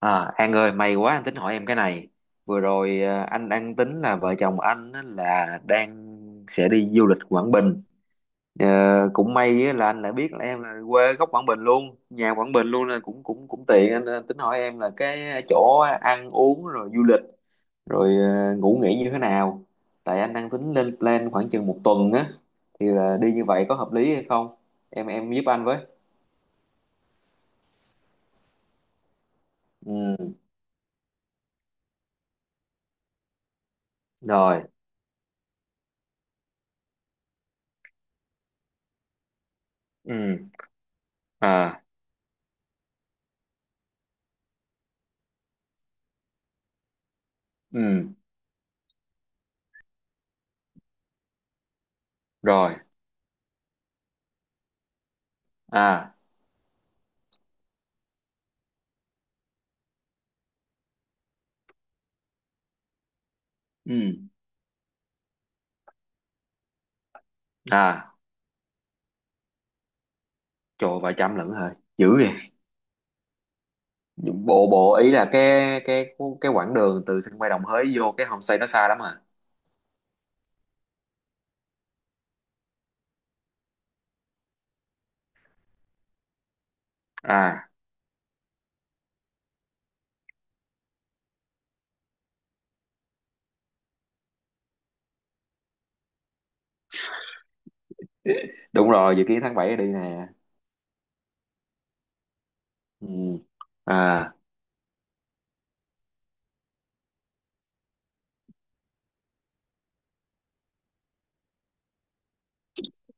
À, An ơi, may quá anh tính hỏi em cái này. Vừa rồi anh đang tính là vợ chồng anh á, là đang sẽ đi du lịch Quảng Bình. Ờ, cũng may á, là anh lại biết là em là quê gốc Quảng Bình luôn, nhà Quảng Bình luôn, nên cũng cũng cũng tiện anh tính hỏi em là cái chỗ ăn uống rồi du lịch rồi ngủ nghỉ như thế nào. Tại anh đang tính lên plan khoảng chừng một tuần á, thì là đi như vậy có hợp lý hay không? Em giúp anh với. Ừ, rồi. Ừ. À, ừ, rồi. À. Ừ. À, trời ơi, vài trăm lận hả, dữ vậy? Bộ bộ ý là cái quãng đường từ sân bay Đồng Hới vô cái homestay nó xa lắm à? À, đúng rồi, dự kiến tháng 7 đi nè. Ừ. À.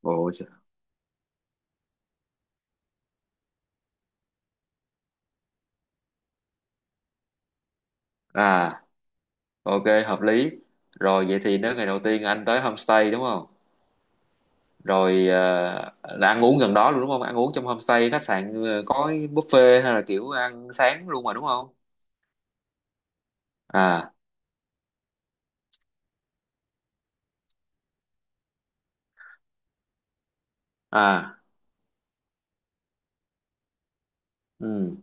Bộ. À, ok, hợp lý. Rồi, vậy thì nếu ngày đầu tiên anh tới homestay đúng không? Rồi, là ăn uống gần đó luôn đúng không, ăn uống trong homestay khách sạn có buffet hay là kiểu ăn sáng luôn mà đúng không? À. À. Ừ.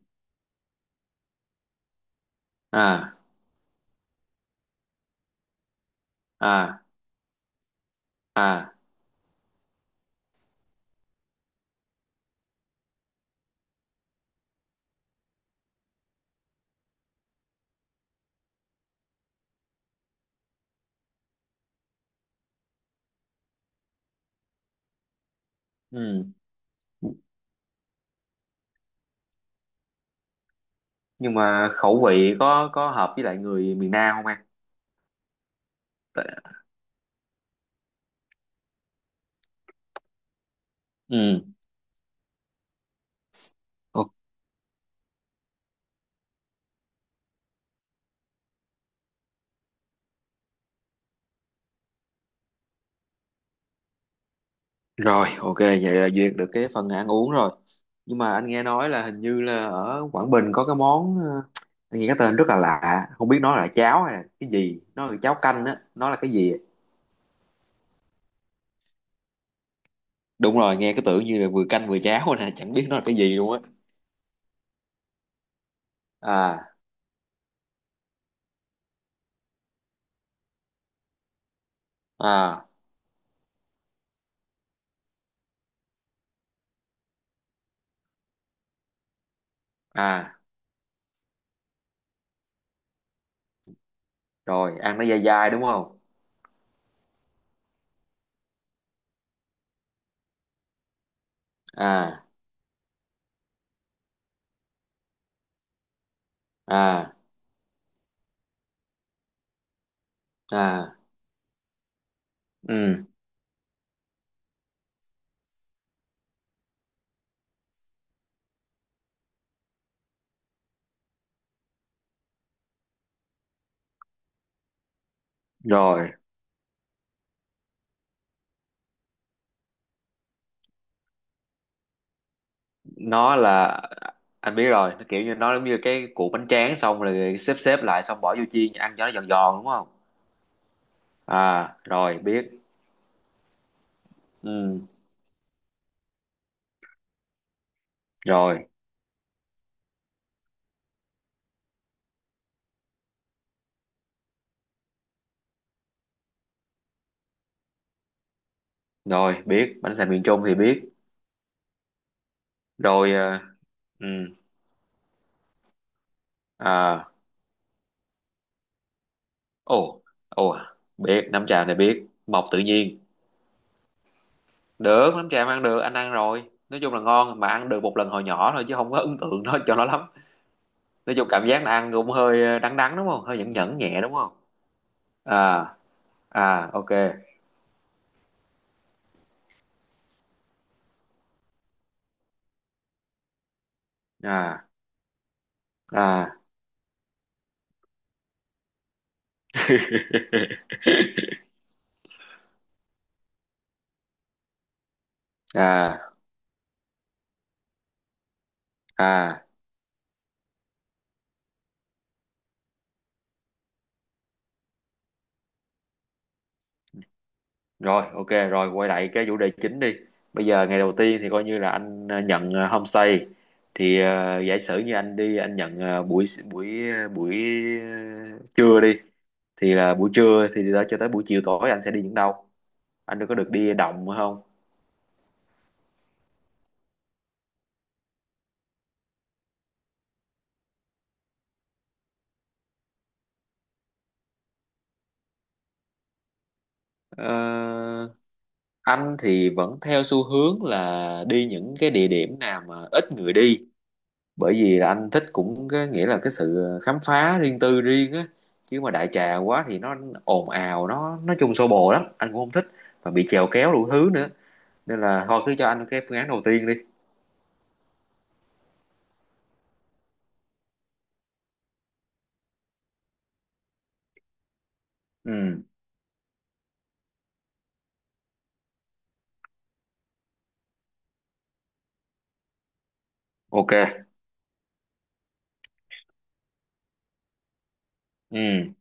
À. À. À. Ừ. Nhưng mà khẩu vị có hợp với lại người miền Nam không anh? Tại- Ừ. Ô- Rồi, ok, vậy là duyệt được cái phần ăn uống rồi. Nhưng mà anh nghe nói là hình như là ở Quảng Bình có cái món anh nghe cái tên rất là lạ, không biết nó là cháo hay là cái gì, nó là cháo canh á, nó là cái gì? Đúng rồi, nghe cái tưởng như là vừa canh vừa cháo nè, chẳng biết nó là cái gì luôn á. À, à, à, rồi, ăn nó dai dai đúng không? À, à, à, ừ, rồi. Nó là anh biết rồi, nó kiểu như nó giống như cái củ bánh tráng xong rồi xếp xếp lại xong bỏ vô chiên ăn cho nó giòn giòn đúng không? À, rồi biết. Ừ. Rồi, rồi biết bánh xèo miền Trung thì biết. Rồi, ừ. À. Ồ. Ồ, biết nấm trà này, biết mọc tự nhiên. Được, nấm trà mà ăn được, anh ăn rồi, nói chung là ngon, mà ăn được một lần hồi nhỏ thôi chứ không có ấn tượng nó cho nó lắm. Nói chung cảm giác là ăn cũng hơi đắng đắng đúng không, hơi nhẫn nhẫn nhẹ đúng không? À. À, ok. À. À. À. À. Rồi ok, rồi quay lại cái chủ đề chính đi. Bây giờ ngày đầu tiên thì coi như là anh nhận homestay, thì giả sử như anh đi anh nhận ờ, buổi buổi à, buổi ờ, trưa đi, thì là buổi trưa thì đó cho tới buổi chiều tối anh sẽ đi những đâu, anh có được đi động không? Ờ, anh thì vẫn theo xu hướng là đi những cái địa điểm nào mà ít người đi, bởi vì là anh thích cũng cái nghĩa là cái sự khám phá riêng tư riêng á, chứ mà đại trà quá thì nó ồn ào, nó nói chung xô bồ lắm anh cũng không thích, và bị chèo kéo đủ thứ nữa, nên là thôi cứ cho anh cái phương án đầu tiên đi. Ừ, ok. Ừ.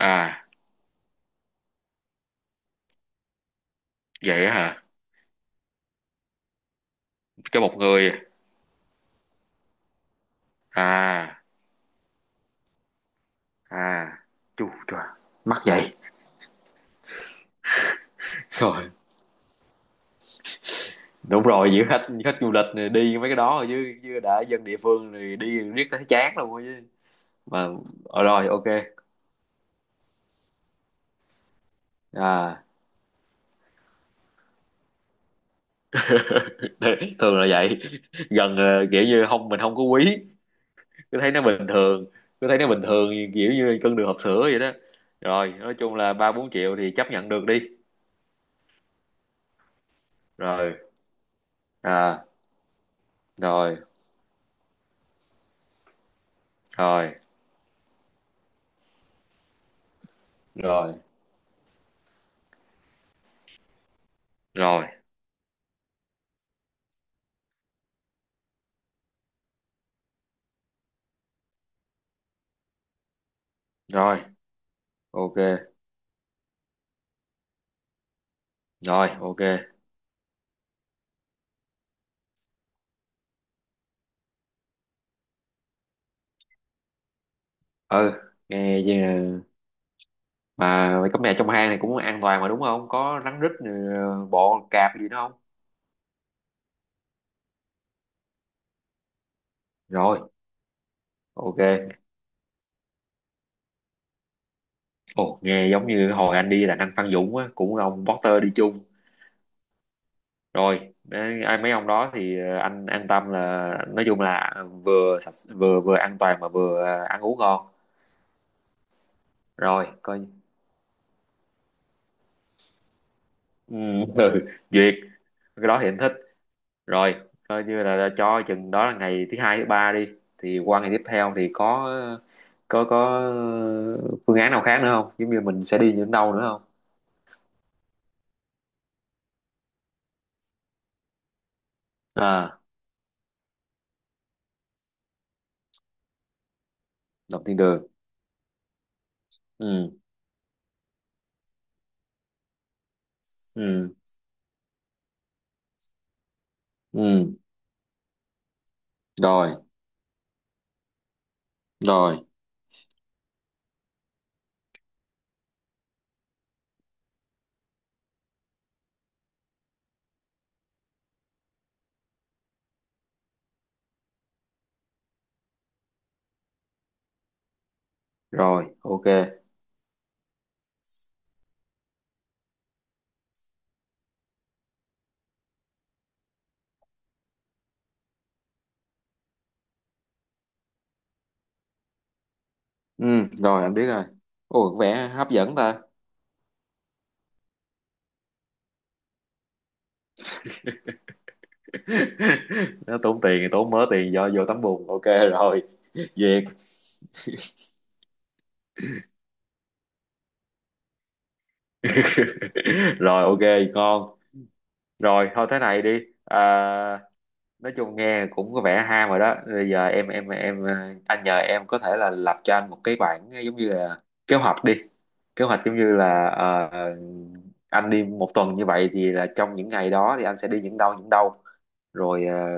À, vậy á hả? Cho một người? À. À, chu trời, mắc vậy? Rồi, đúng rồi, giữa khách khách du lịch này đi mấy cái đó rồi chứ chứ đã dân địa phương thì đi riết thấy chán luôn rồi chứ. Mà rồi ok. À. Thường là vậy. Gần kiểu như không, mình không có quý, cứ thấy nó bình thường, cứ thấy nó bình thường, kiểu như cân đường hộp sữa vậy đó. Rồi, nói chung là ba bốn triệu thì chấp nhận được đi. Rồi. À. Rồi. Rồi. Rồi. Rồi. Rồi ok. Rồi ok. Ừ. Nghe chứ. Mà mày cắm nhà trong hang này cũng an toàn mà đúng không, có rắn rít, bọ cạp gì đó không? Rồi ok. Ồ, nghe giống như hồi anh đi là anh Phan Dũng á, cũng ông Potter đi chung. Rồi đấy, ai mấy ông đó thì anh an tâm là nói chung là vừa sạch vừa vừa an toàn mà vừa ăn uống ngon. Rồi coi. Ừ. Ừ, duyệt. Cái đó thì anh thích. Rồi, coi như là cho chừng đó là ngày thứ hai thứ ba đi, thì qua ngày tiếp theo thì có phương án nào khác nữa không, giống như mình sẽ đi những đâu nữa không? À, động thiên đường. Ừ. Ừ. Ừ. Rồi. Rồi. Rồi ok. Ừ. Rồi, anh biết rồi. Ồ, có vẻ hấp dẫn ta. Nó tốn tiền, tốn mớ tiền do vô tắm bùn, ok. Rồi duyệt. Rồi ok. Ngon. Rồi thôi thế này đi. À, nói chung nghe cũng có vẻ ham rồi đó. Bây giờ anh nhờ em có thể là lập cho anh một cái bản giống như là kế hoạch đi, kế hoạch giống như là anh đi một tuần như vậy thì là trong những ngày đó thì anh sẽ đi những đâu những đâu, rồi,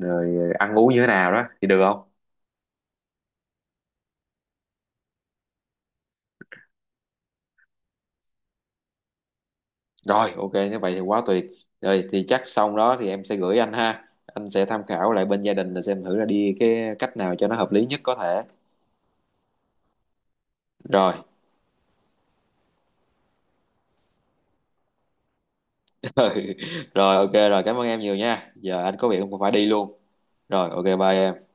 rồi ăn uống như thế nào đó thì được không? Rồi, ok, nếu vậy thì quá tuyệt. Rồi, thì chắc xong đó thì em sẽ gửi anh ha. Anh sẽ tham khảo lại bên gia đình là xem thử là đi cái cách nào cho nó hợp lý nhất có thể. Rồi. Rồi, ok, rồi, cảm ơn em nhiều nha. Giờ anh có việc cũng phải đi luôn. Rồi, ok, bye em.